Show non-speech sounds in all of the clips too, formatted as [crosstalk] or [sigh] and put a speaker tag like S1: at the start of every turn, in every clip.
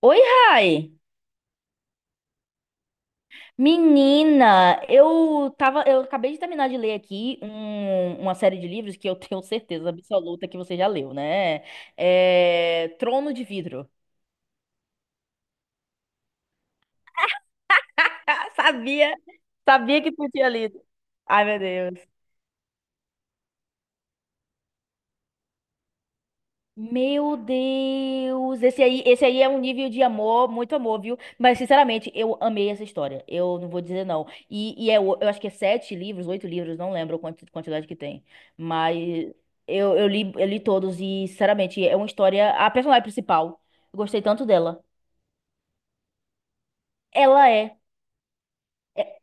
S1: Oi, Rai! Menina, eu acabei de terminar de ler aqui uma série de livros que eu [laughs] tenho certeza absoluta que você já leu, né? É, Trono de Vidro. [laughs] Sabia, sabia que tu tinha lido. Ai, meu Deus. Meu Deus, esse aí é um nível de amor, muito amor, viu? Mas, sinceramente, eu amei essa história. Eu não vou dizer não. E eu acho que é sete livros, oito livros, não lembro a quantidade que tem. Mas eu li todos e, sinceramente, é uma história. A personagem principal, eu gostei tanto dela. Ela é. é,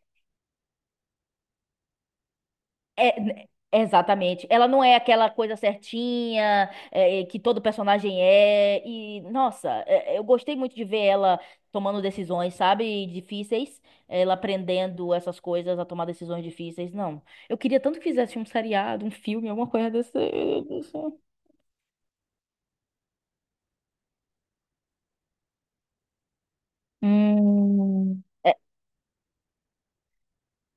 S1: É, exatamente. Ela não é aquela coisa certinha, que todo personagem é. E, nossa, eu gostei muito de ver ela tomando decisões, sabe, difíceis. Ela aprendendo essas coisas a tomar decisões difíceis. Não. Eu queria tanto que fizesse um seriado, um filme, alguma coisa desse. É,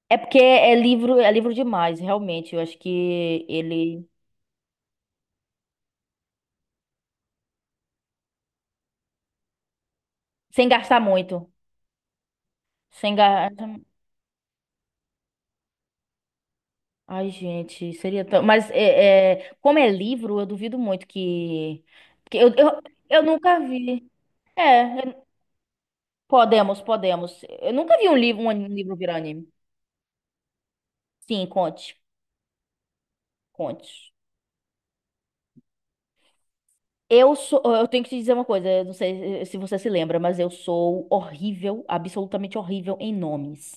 S1: é porque é livro demais, realmente. Eu acho que ele. Sem gastar muito. Sem gastar. Ai, gente, seria tão. Mas como é livro, eu duvido muito que. Que eu nunca vi. É, eu- Podemos, podemos. Eu nunca vi um livro virar anime. Sim, conte, conte. Eu sou. Eu tenho que te dizer uma coisa, eu não sei se você se lembra, mas eu sou horrível, absolutamente horrível em nomes.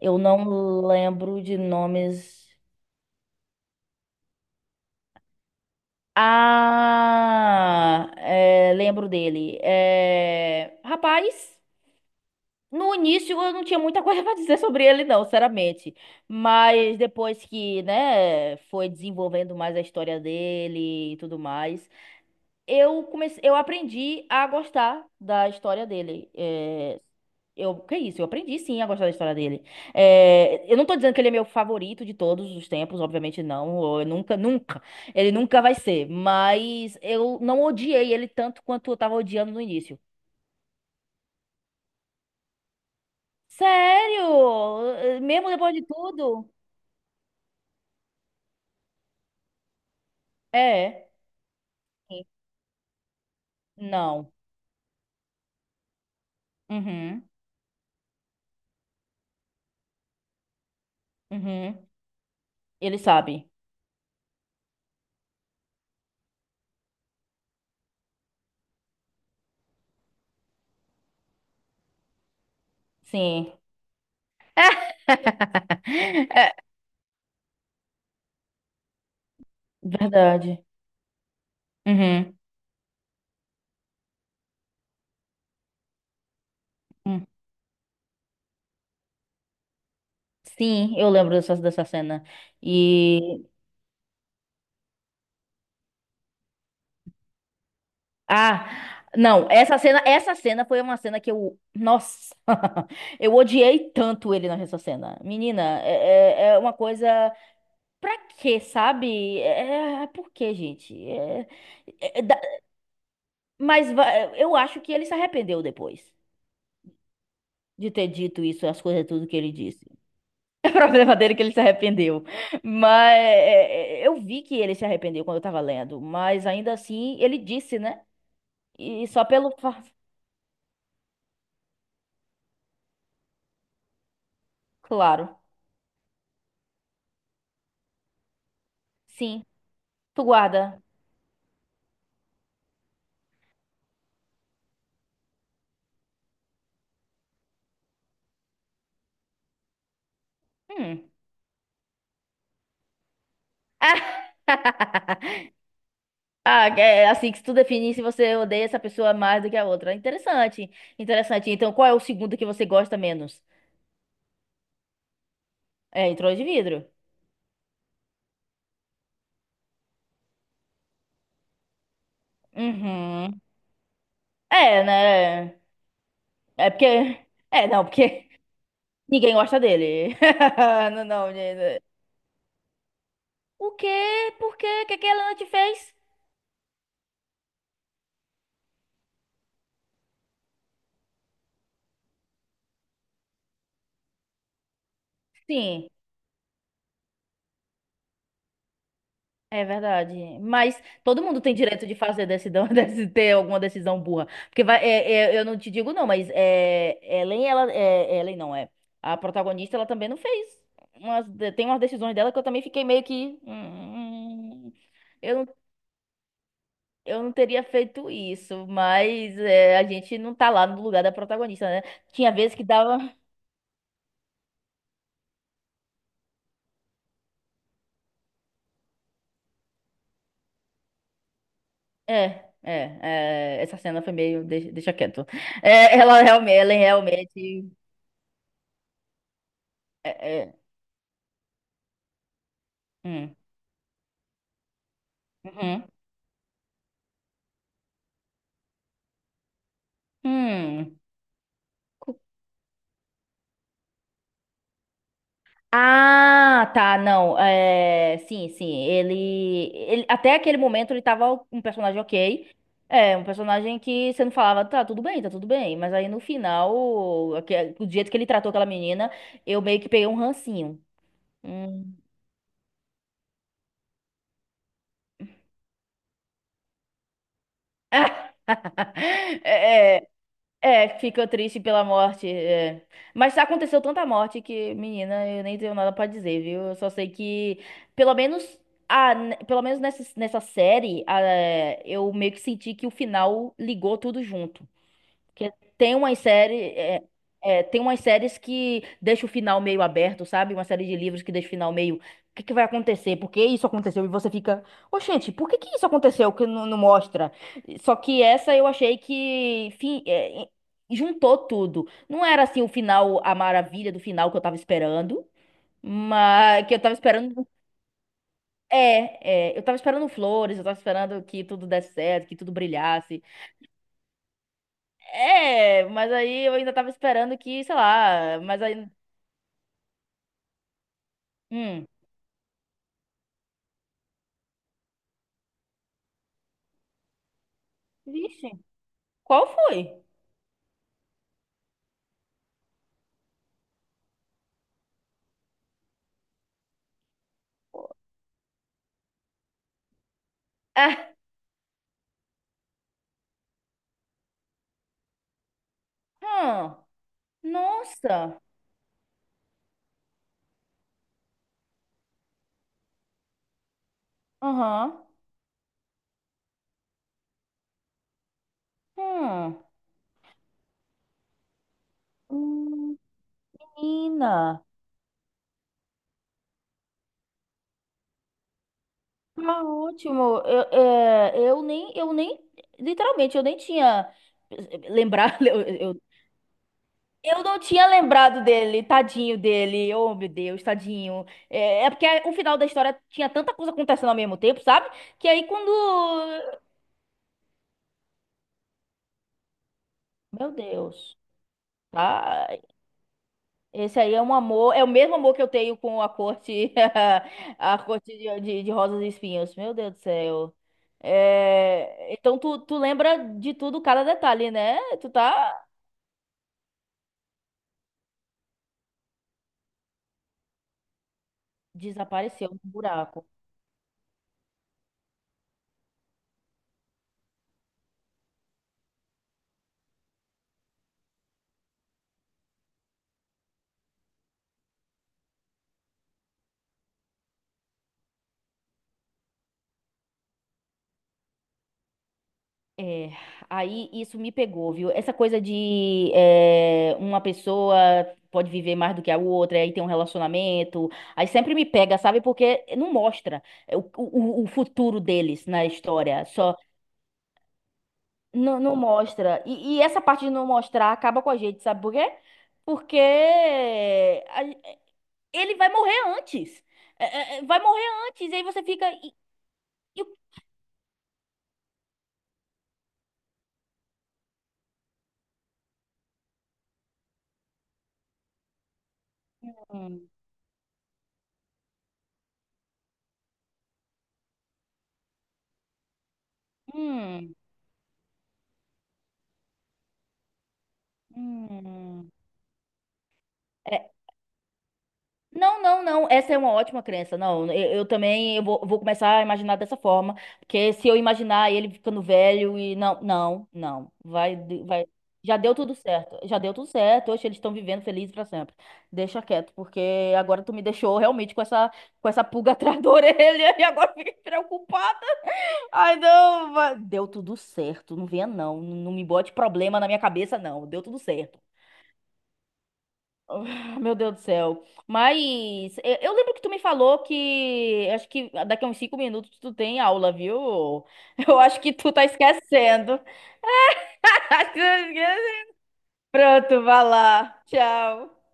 S1: Eu não lembro de nomes. Ah, é, lembro dele. É, rapaz. No início eu não tinha muita coisa [laughs] pra dizer sobre ele, não, sinceramente. Mas depois que, né, foi desenvolvendo mais a história dele e tudo mais, eu aprendi a gostar da história dele. É, que isso? Eu aprendi sim a gostar da história dele. É, eu não tô dizendo que ele é meu favorito de todos os tempos, obviamente não. Eu nunca, nunca. Ele nunca vai ser. Mas eu não odiei ele tanto quanto eu tava odiando no início. Sério? Mesmo depois de tudo? É. Sim. Não. Uhum. Uhum. Ele sabe. Sim. [laughs] É, verdade. Uhum. Hum. Sim, eu lembro dessa cena. E. Ah! Não, essa cena foi uma cena que eu. Nossa! [laughs] Eu odiei tanto ele nessa cena. Menina, é uma coisa. Pra quê, sabe? Por quê, gente? É, dá- mas eu acho que ele se arrependeu depois de ter dito isso, as coisas tudo que ele disse. [laughs] É problema dele que ele se arrependeu. Mas eu vi que ele se arrependeu quando eu tava lendo, mas ainda assim ele disse, né? E só pelo fa- Claro. Sim, tu guarda. Hum. [laughs] Ah, é assim que se tu definir se você odeia essa pessoa mais do que a outra. Interessante, interessante. Então, qual é o segundo que você gosta menos? É, entrou de vidro. Uhum. É, né? É porque. É, não, porque ninguém gosta dele. [laughs] Não, não, gente. O quê? Por quê? O que que a Helena te fez? Sim, é verdade. Mas todo mundo tem direito de fazer decisão, [laughs] de ter alguma decisão burra. Porque vai, eu não te digo não, mas Ellen, ela, Ellen não é. A protagonista, ela também não fez. Tem umas decisões dela que eu também fiquei meio que. Eu não, eu não teria feito isso, mas a gente não tá lá no lugar da protagonista, né? Tinha vezes que dava. É, Essa cena foi meio. Deixa, deixa quieto. É, ela é realmente. É, é, hum, uhum, hum. Ah, tá, não. É, sim, sim. Ele, ele. Até aquele momento ele tava um personagem ok. É, um personagem que você não falava, tá, tudo bem, tá tudo bem. Mas aí no final, do jeito que ele tratou aquela menina, eu meio que peguei um rancinho. Hum. [laughs] É, é, fica triste pela morte. É. Mas aconteceu tanta morte que, menina, eu nem tenho nada pra dizer, viu? Eu só sei que, pelo menos, a, pelo menos nessa série, eu meio que senti que o final ligou tudo junto. Porque tem umas séries, é, tem umas séries que deixa o final meio aberto, sabe? Uma série de livros que deixa o final meio. O que que vai acontecer? Por que isso aconteceu? E você fica, ô gente, por que que isso aconteceu que não, não mostra? Só que essa eu achei que juntou tudo. Não era assim o final, a maravilha do final que eu tava esperando, mas que eu tava esperando. Eu tava esperando flores, eu tava esperando que tudo desse certo, que tudo brilhasse. É, mas aí eu ainda tava esperando que, sei lá, mas aí. Hum. Vixe, qual foi? Ah, hum, nossa. Aham. Hum. Hum, menina. Tá ótimo. Eu, é, eu nem, literalmente, eu nem tinha lembrado. [laughs] Eu não tinha lembrado dele, tadinho dele. Oh, meu Deus, tadinho. É, é porque o final da história tinha tanta coisa acontecendo ao mesmo tempo, sabe? Que aí quando Meu Deus. Tá? Esse aí é um amor, é o mesmo amor que eu tenho com a corte, [laughs] a corte de rosas e espinhos. Meu Deus do céu. É, então tu lembra de tudo, cada detalhe, né? Tu tá desapareceu no buraco. É, aí isso me pegou, viu? Essa coisa de uma pessoa pode viver mais do que a outra, aí tem um relacionamento, aí sempre me pega, sabe? Porque não mostra o futuro deles na história, só. Não, não mostra. E essa parte de não mostrar acaba com a gente, sabe por quê? Porque ele vai morrer antes. É, Vai morrer antes. E aí você fica. E o- hum, hum, hum. Não, não, não. Essa é uma ótima crença. Não, eu também eu vou começar a imaginar dessa forma, porque se eu imaginar ele ficando velho e não, não, não, vai. Já deu tudo certo. Já deu tudo certo. Hoje eles estão vivendo felizes pra sempre. Deixa quieto, porque agora tu me deixou realmente com essa pulga [laughs] atrás da orelha e agora eu fiquei preocupado. Ai, não, deu tudo certo. Não venha não, não me bote problema na minha cabeça não. Deu tudo certo. Ah, meu Deus do céu. Mas eu lembro que tu me falou que acho que daqui a uns 5 minutos tu tem aula, viu? [laughs] Eu acho que tu tá esquecendo. [laughs] Acho que tu esquece. Pronto, vai lá. Tchau.